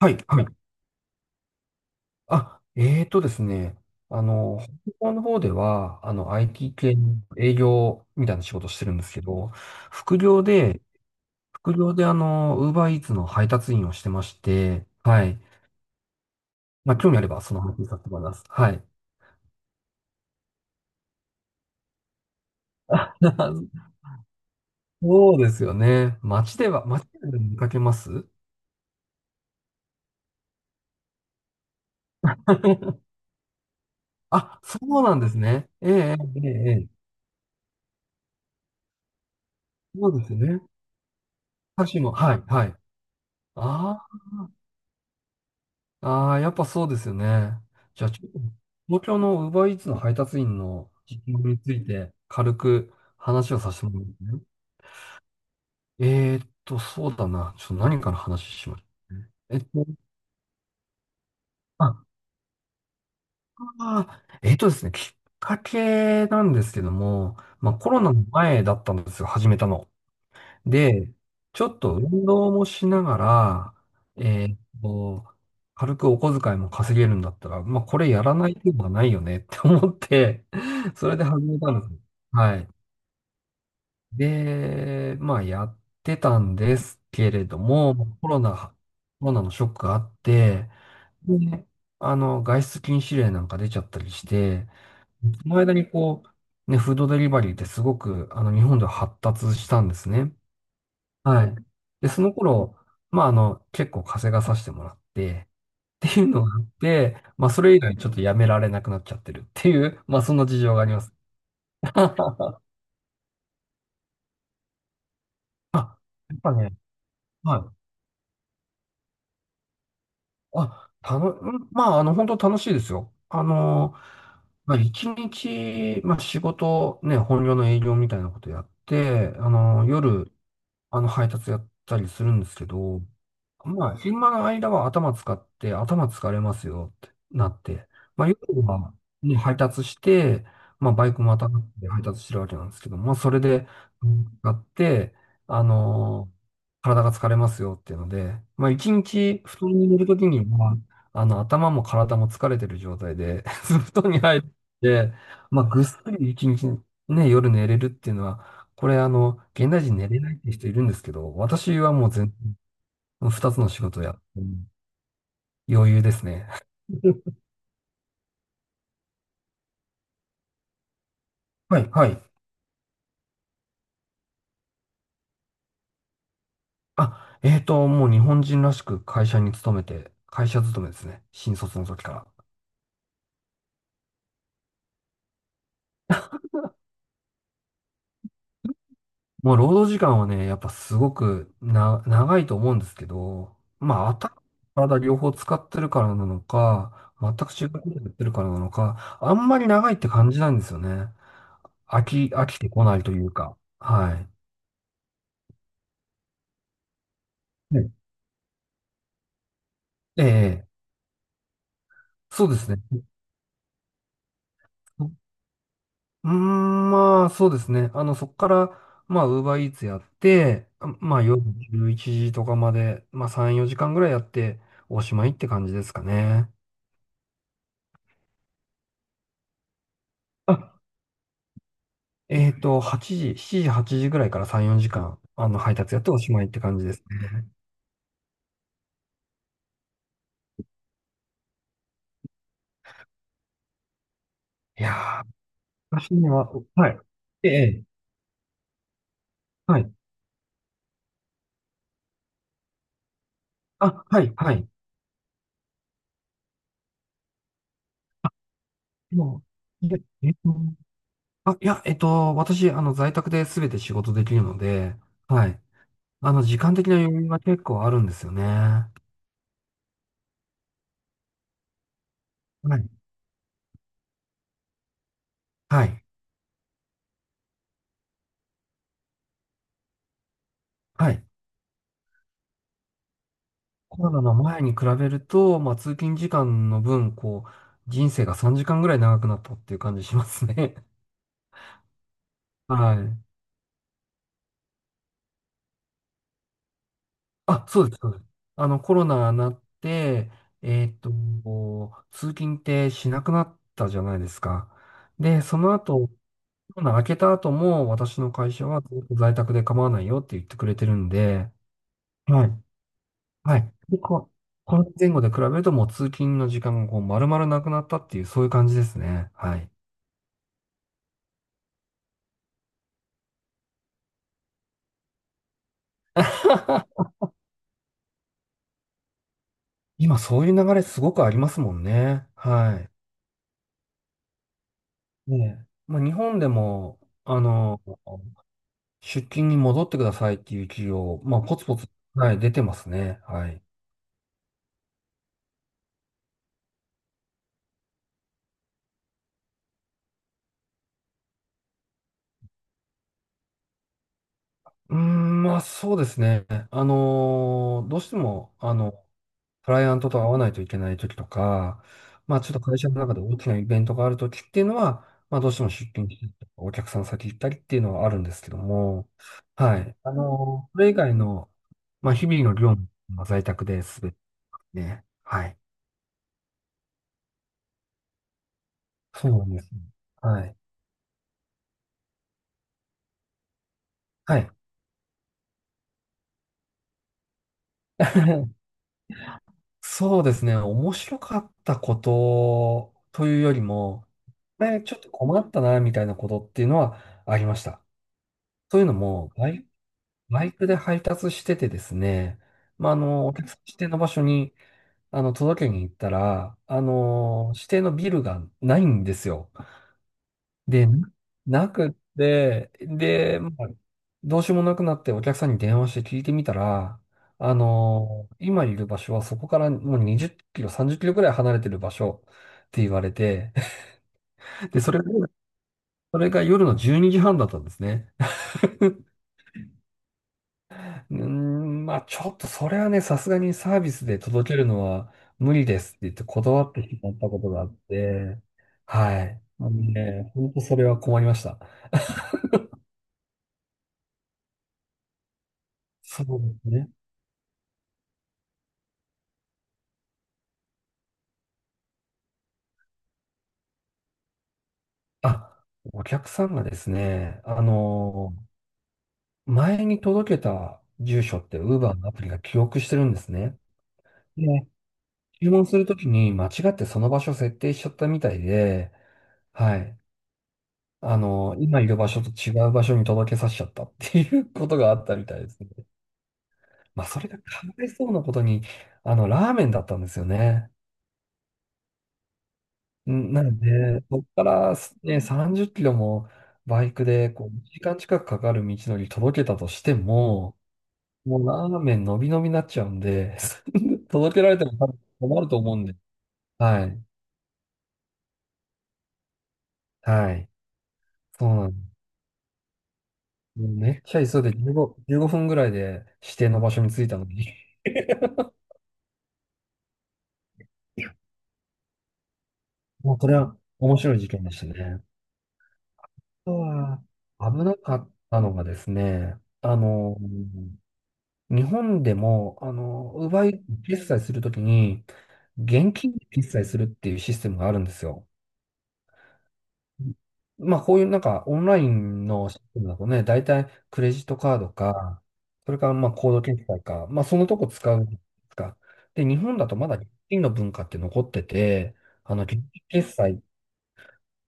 はい、はい。あ、えーとですね、あの、北欧の方では、IT 系の営業みたいな仕事してるんですけど、副業で、副業でウーバーイーツの配達員をしてまして、はい。まあ、興味あれば、その話させてもらいます。はい。そうですよね。街で見かけます。 あ、そうなんですね。ええええええ。ええ、そうですね。私も、はい、はい。あああ、やっぱそうですよね。じゃあ、ちょっと、東京の Uber Eats の配達員の実情について軽く話をさせてもらいますね。そうだな。ちょっと何から話しましょうね。えっと、あ、あーえっとですね、きっかけなんですけども、まあコロナの前だったんですよ、始めたの。で、ちょっと運動もしながら、えーっと、軽くお小遣いも稼げるんだったら、まあ、これやらない手はないよね って思って、それで始めたの。はい。で、まあ、やってたんですけれども、コロナのショックがあって、で、外出禁止令なんか出ちゃったりして、その間にこう、ね、フードデリバリーってすごく、日本では発達したんですね。はい。で、その頃、まあ、結構風がさしてもらって、っていうのがあって、まあ、それ以来ちょっとやめられなくなっちゃってるっていう、まあ、そんな事情があります。あ、やっぱね、はい。うん、まあ、本当楽しいですよ。まあ、一日、まあ、仕事、ね、本業の営業みたいなことやって、夜、配達やったりするんですけど、まあ、昼間の間は頭使って、頭疲れますよってなって、まあ、夜は、ね、配達して、まあ、バイクまたがって配達してるわけなんですけど、まあ、それで、うん使って、あのー体が疲れますよっていうので、まあ、一日布団に寝るときには、頭も体も疲れてる状態で、布団に入って、まあ、ぐっすり一日、ね、夜寝れるっていうのは、これ、現代人寝れないって人いるんですけど、私はもう全然二つの仕事をやって、余裕ですね。はい、はい。もう日本人らしく会社に勤めて、会社勤めですね。新卒の時から。もう労働時間はね、やっぱすごくな、長いと思うんですけど、まあ、頭、体両方使ってるからなのか、全く違うことやってるからなのか、あんまり長いって感じないんですよね。飽きてこないというか。はい。ねええ、そうですね。うーん、まあ、そうですね。そこから、まあ、ウーバーイーツやって、あまあ、夜11時とかまで、まあ、3、4時間ぐらいやって、おしまいって感じですかね。あ、8時、7時、8時ぐらいから3、4時間、配達やっておしまいって感じですね。いやー、私には、はい。えええ、はい。あ、はい、はい。もう、いやえっと、あ、いや、私、在宅で全て仕事できるので、はい。時間的な余裕が結構あるんですよね。はい。はい。はい。コロナの前に比べると、まあ、通勤時間の分、こう、人生が3時間ぐらい長くなったっていう感じしますね。はい。あ、そうです、そうです。コロナになって、えーっと、通勤ってしなくなったじゃないですか。で、その後、コロナ明けた後も、私の会社はずっと在宅で構わないよって言ってくれてるんで、はい。はい。で、ここの前後で比べるともう通勤の時間がこう丸々なくなったっていう、そういう感じですね。はい。今そういう流れすごくありますもんね。はい。ねえ。まあ日本でも、あの、出勤に戻ってくださいっていう企業、まあポツポツ、はい、出てますね。はい。うーん、まあそうですね。どうしても、クライアントと会わないといけない時とか、まあちょっと会社の中で大きなイベントがある時っていうのは、まあどうしても出勤したりとか、お客さん先行ったりっていうのはあるんですけども、はい。それ以外の、まあ日々の業務は在宅ですべてね。はい。そうなんですね。はい。はい。そうですね。面白かったことというよりも、これちょっと困ったな、みたいなことっていうのはありました。というのも、バイクで配達しててですね、まあ、お客さん指定の場所に、届けに行ったら、指定のビルがないんですよ。で、なくって、で、まあ、どうしようもなくなってお客さんに電話して聞いてみたら、今いる場所はそこからもう20キロ、30キロくらい離れてる場所って言われて、で、それが夜の12時半だったんですね。うーん、まあちょっとそれはね、さすがにサービスで届けるのは無理ですって言って断ってしまったことがあって、はい。あのね、本当それは困りました。そうですね。あ、お客さんがですね、前に届けた住所って Uber のアプリが記憶してるんですね。で、注文するときに間違ってその場所設定しちゃったみたいで、はい。今いる場所と違う場所に届けさせちゃったっていうことがあったみたいですね。まあ、それがかわいそうなことに、ラーメンだったんですよね。なので、そこからね、30キロもバイクでこう1時間近くかかる道のり届けたとしても、もうラーメンのびのびになっちゃうんで、届けられても多分困ると思うんで。はい。はい。そうなんです。もうめっちゃ急いで15、15分ぐらいで指定の場所に着いたのに、もうこれは面白い事件でしたね。あとは、危なかったのがですね、あの、日本でも、奪い決済するときに、現金で決済するっていうシステムがあるんですよ。まあ、こういうなんか、オンラインのシステムだとね、大体クレジットカードか、それからまあ、コード決済か、まあ、そのとこ使うか。で、日本だとまだ現金の文化って残ってて、現金決済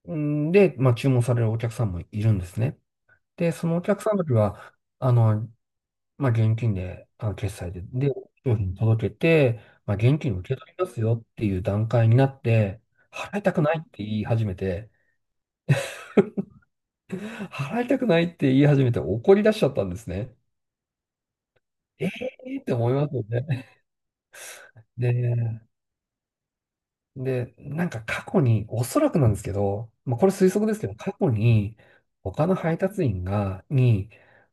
うんで、まあ、注文されるお客さんもいるんですね。で、そのお客さんの時は、あの、まあ、現金で、決済で、商品届けて、まあ、現金を受け取りますよっていう段階になって、払いたくないって言い始めて、払いたくないって言い始めて怒り出しちゃったんですね。ええーって思いますよね。で、なんか過去に、おそらくなんですけど、まあ、これ推測ですけど、過去に、他の配達員に、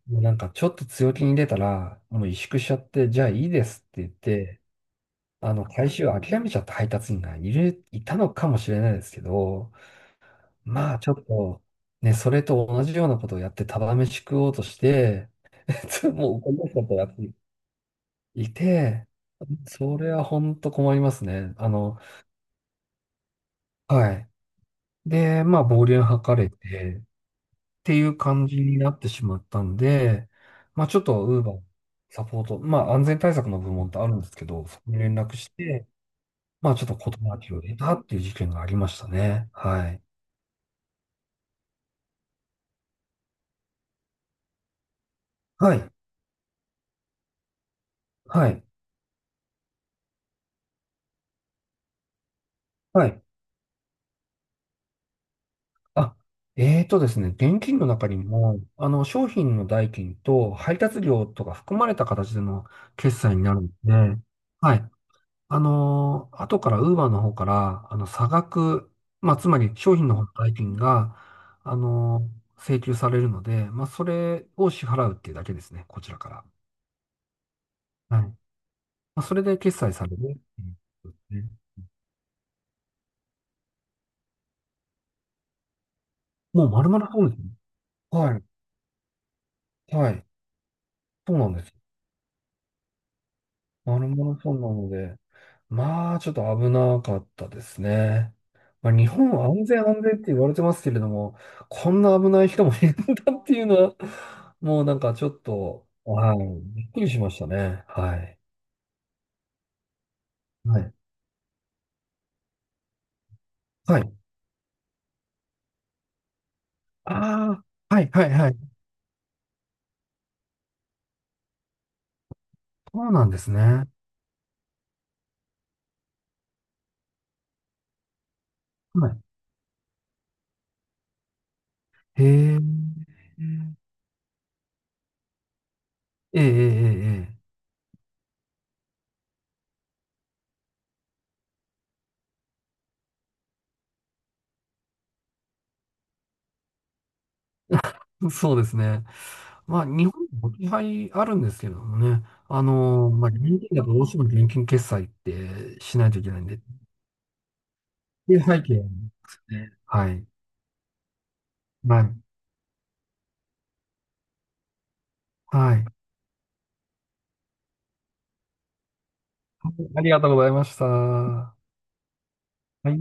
もうなんかちょっと強気に出たら、もう萎縮しちゃって、じゃあいいですって言って、回収を諦めちゃった配達員がいたのかもしれないですけど、まあちょっと、ね、それと同じようなことをやってただ飯食おうとして、もう怒り出しちゃったやついて、それは本当困りますね。はい。で、まあ、暴言吐かれて、っていう感じになってしまったんで、まあ、ちょっと、ウーバーサポート、まあ、安全対策の部門ってあるんですけど、そこに連絡して、まあ、ちょっと事なきを得たっていう事件がありましたね。はい。はい、はい、はい。あ、えーとですね、現金の中にも、商品の代金と配達料とか含まれた形での決済になるんで、はい。後から、ウーバーの方から、差額、まあ、つまり商品の方の代金が、請求されるので、まあ、それを支払うっていうだけですね、こちらから。はい。まあ、それで決済されるっていうことですね。もう丸々そうですね。はい、はい。そうなんです。丸々そうなので、まあ、ちょっと危なかったですね。まあ、日本は安全安全って言われてますけれども、こんな危ない人もいるんだっていうのは、もうなんかちょっと、はい、びっくりしましたね。はい。はい。はい。ああ、はい、はい、はい。そうなんですね。はい。へえ、ええ、ええ、ええ。そうですね。まあ、日本も置き配あるんですけれどもね。まあ、現金だとどうしても現金決済ってしないといけないんで、っていう背景なんですね。はい。はい。はい。ありがとうございました。はい。